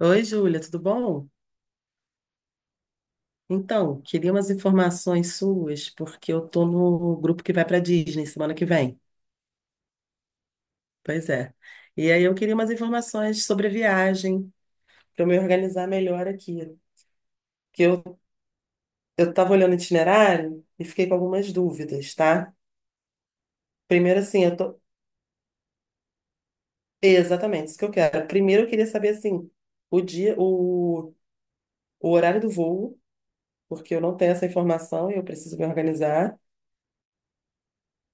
Oi, Júlia, tudo bom? Então, queria umas informações suas, porque eu tô no grupo que vai para Disney semana que vem. Pois é. E aí eu queria umas informações sobre a viagem, para eu me organizar melhor aqui. Que eu, eu tava olhando o itinerário e fiquei com algumas dúvidas, tá? Primeiro, assim, eu tô. Exatamente, isso que eu quero. Primeiro, eu queria saber, assim, o dia, o, o horário do voo, porque eu não tenho essa informação e eu preciso me organizar.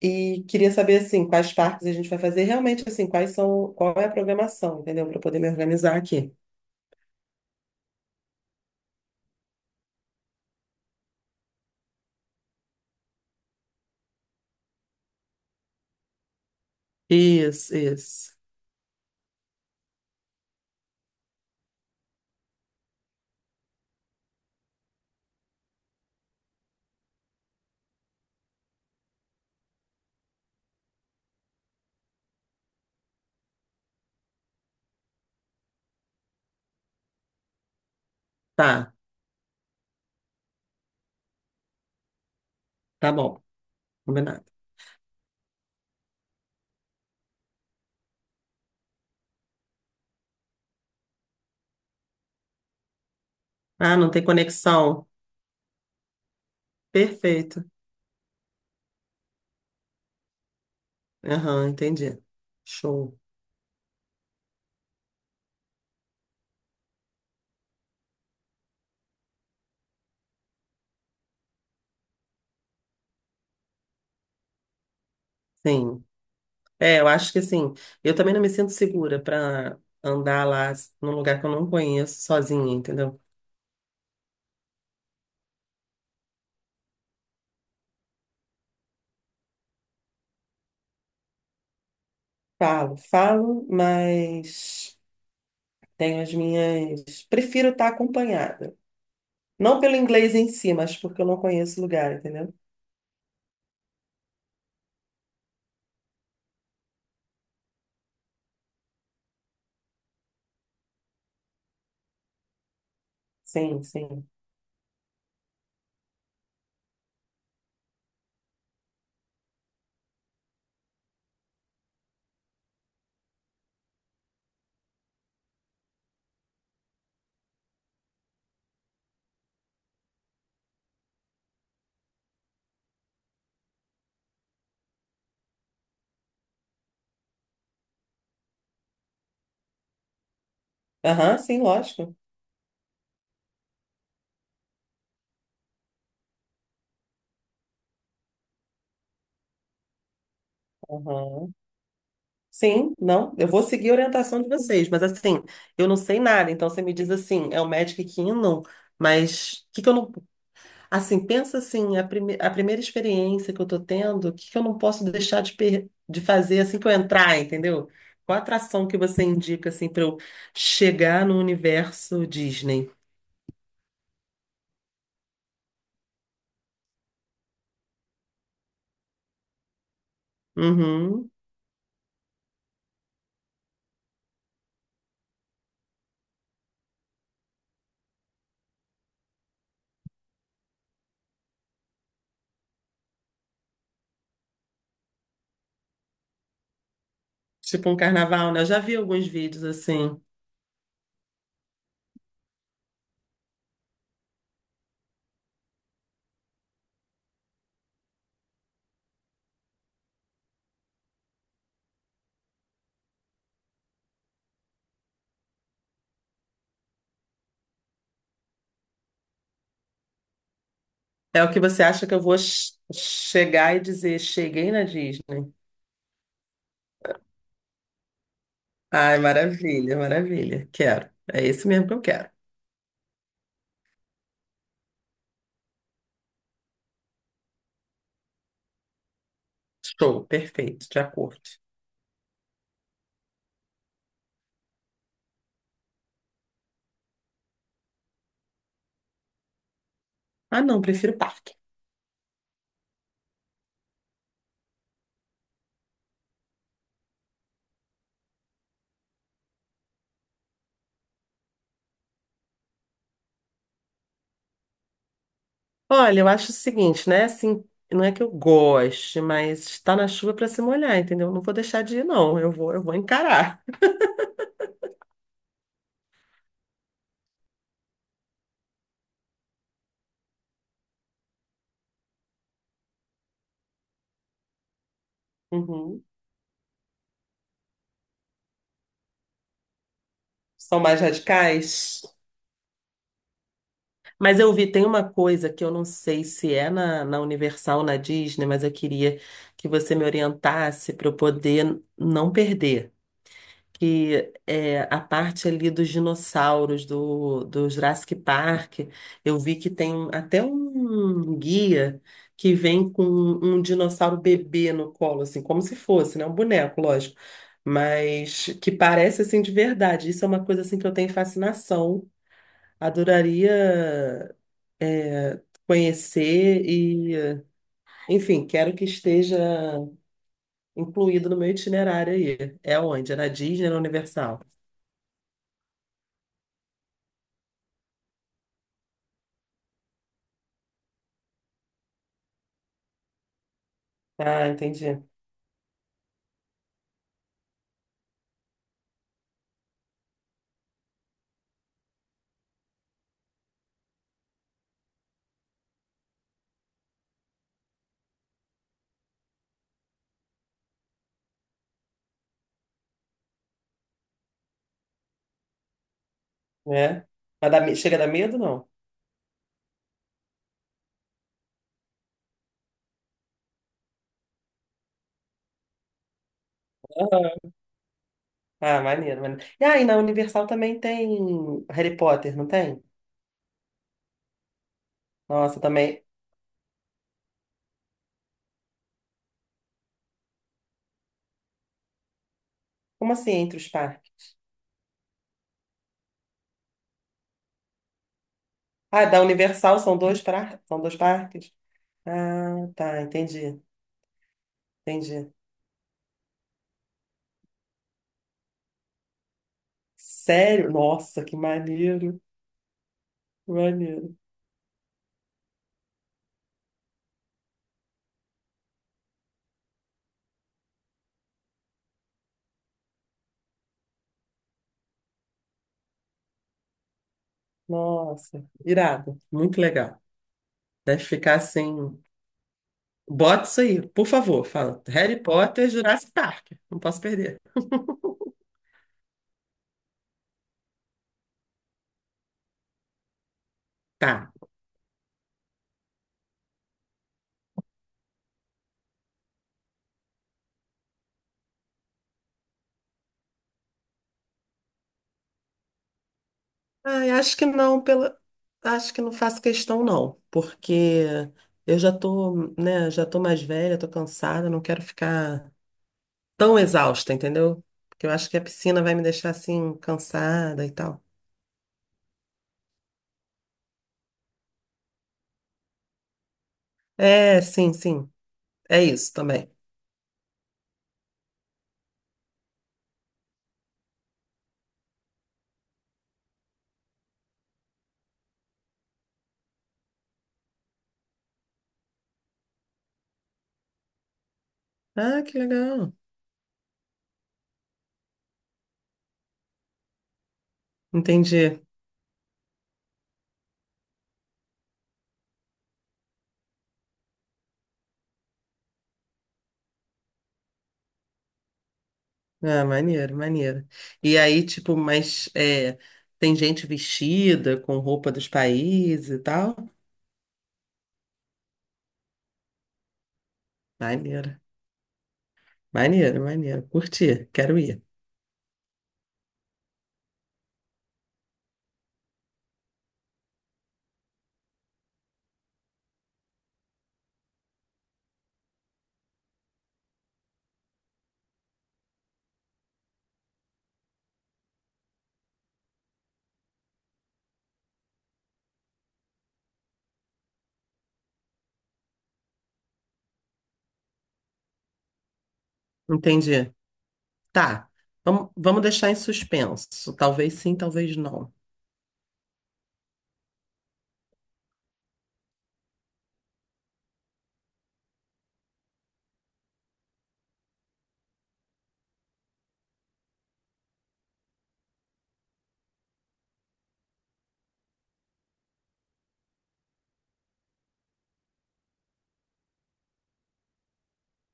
E queria saber, assim, quais parques a gente vai fazer, realmente, assim, quais são, qual é a programação, entendeu? Para poder me organizar aqui. Isso, isso. Tá, tá bom, combinado. Ah, não tem conexão. Perfeito. Aham, entendi. Show. Sim. É, eu acho que, assim, eu também não me sinto segura para andar lá num lugar que eu não conheço sozinha, entendeu? Falo, falo, mas tenho as minhas. Prefiro estar acompanhada. Não pelo inglês em si, mas porque eu não conheço o lugar, entendeu? Sim, sim. Aham, sim, lógico. Aham. Sim, não, eu vou seguir a orientação de vocês, mas assim, eu não sei nada, então você me diz assim, é o Magic Kingdom, mas o que que eu não. Assim, pensa assim, a, prime... a primeira experiência que eu tô tendo, o que que eu não posso deixar de, per... de fazer assim que eu entrar, entendeu? Qual a atração que você indica, assim, para eu chegar no universo Disney? Uhum. Tipo um carnaval, né? Eu já vi alguns vídeos assim. É o que você acha que eu vou chegar e dizer, cheguei na Disney. Ai, maravilha, maravilha. Quero. É esse mesmo que eu quero. Show, perfeito, de acordo. Ah, não, prefiro parque. Olha, eu acho o seguinte, né? Assim, não é que eu goste, mas está na chuva para se molhar, entendeu? Não vou deixar de ir, não. Eu vou encarar. Uhum. São mais radicais? Mas eu vi, tem uma coisa que eu não sei se é na Universal, na Disney, mas eu queria que você me orientasse para eu poder não perder. Que é a parte ali dos dinossauros do Jurassic Park. Eu vi que tem até um guia que vem com um dinossauro bebê no colo, assim, como se fosse, né? Um boneco, lógico. Mas que parece assim de verdade. Isso é uma coisa assim que eu tenho fascinação. Adoraria conhecer e, enfim, quero que esteja incluído no meu itinerário aí. É onde? É na Disney, na Universal? Ah, entendi. É. Mas dá chega a dar medo, não? Aham. Ah, maneiro, maneiro. E aí, na Universal também tem Harry Potter, não tem? Nossa, também. Como assim, entre os parques? Ah, da Universal são dois, são dois parques? Ah, tá, entendi, entendi. Sério? Nossa, que maneiro, maneiro. Nossa, irado, muito legal. Deve ficar assim. Bota isso aí, por favor. Fala. Harry Potter, Jurassic Park. Não posso perder. Tá. Ai, acho que não, pela... acho que não faço questão, não, porque eu já tô, né, já tô mais velha, tô cansada, não quero ficar tão exausta, entendeu? Porque eu acho que a piscina vai me deixar assim, cansada e tal. É, sim, sim, é isso também. Ah, que legal, entendi. Ah, maneiro, maneiro. E aí, tipo, mas é, tem gente vestida com roupa dos países e tal? Maneiro, maneiro, maneiro. Curti, quero ir. Entendi. Tá, vamos, vamos deixar em suspenso. Talvez sim, talvez não.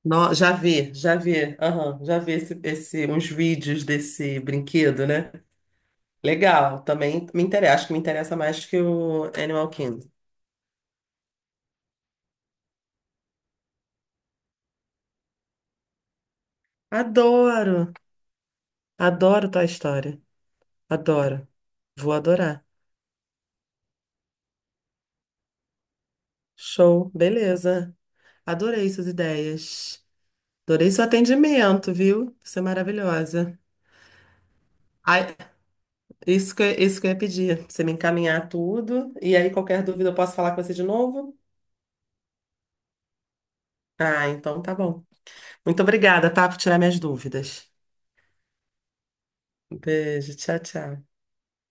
Já vi, já vi, aham, já vi esse, uns vídeos desse brinquedo, né? Legal, também me interessa, acho que me interessa mais que o Animal Kingdom. Adoro, adoro Toy Story, adoro, vou adorar. Show, beleza. Adorei suas ideias. Adorei seu atendimento, viu? Você é maravilhosa. Ai, isso que eu ia pedir, você me encaminhar tudo, e aí qualquer dúvida eu posso falar com você de novo? Ah, então tá bom. Muito obrigada, tá, por tirar minhas dúvidas. Beijo, tchau, tchau.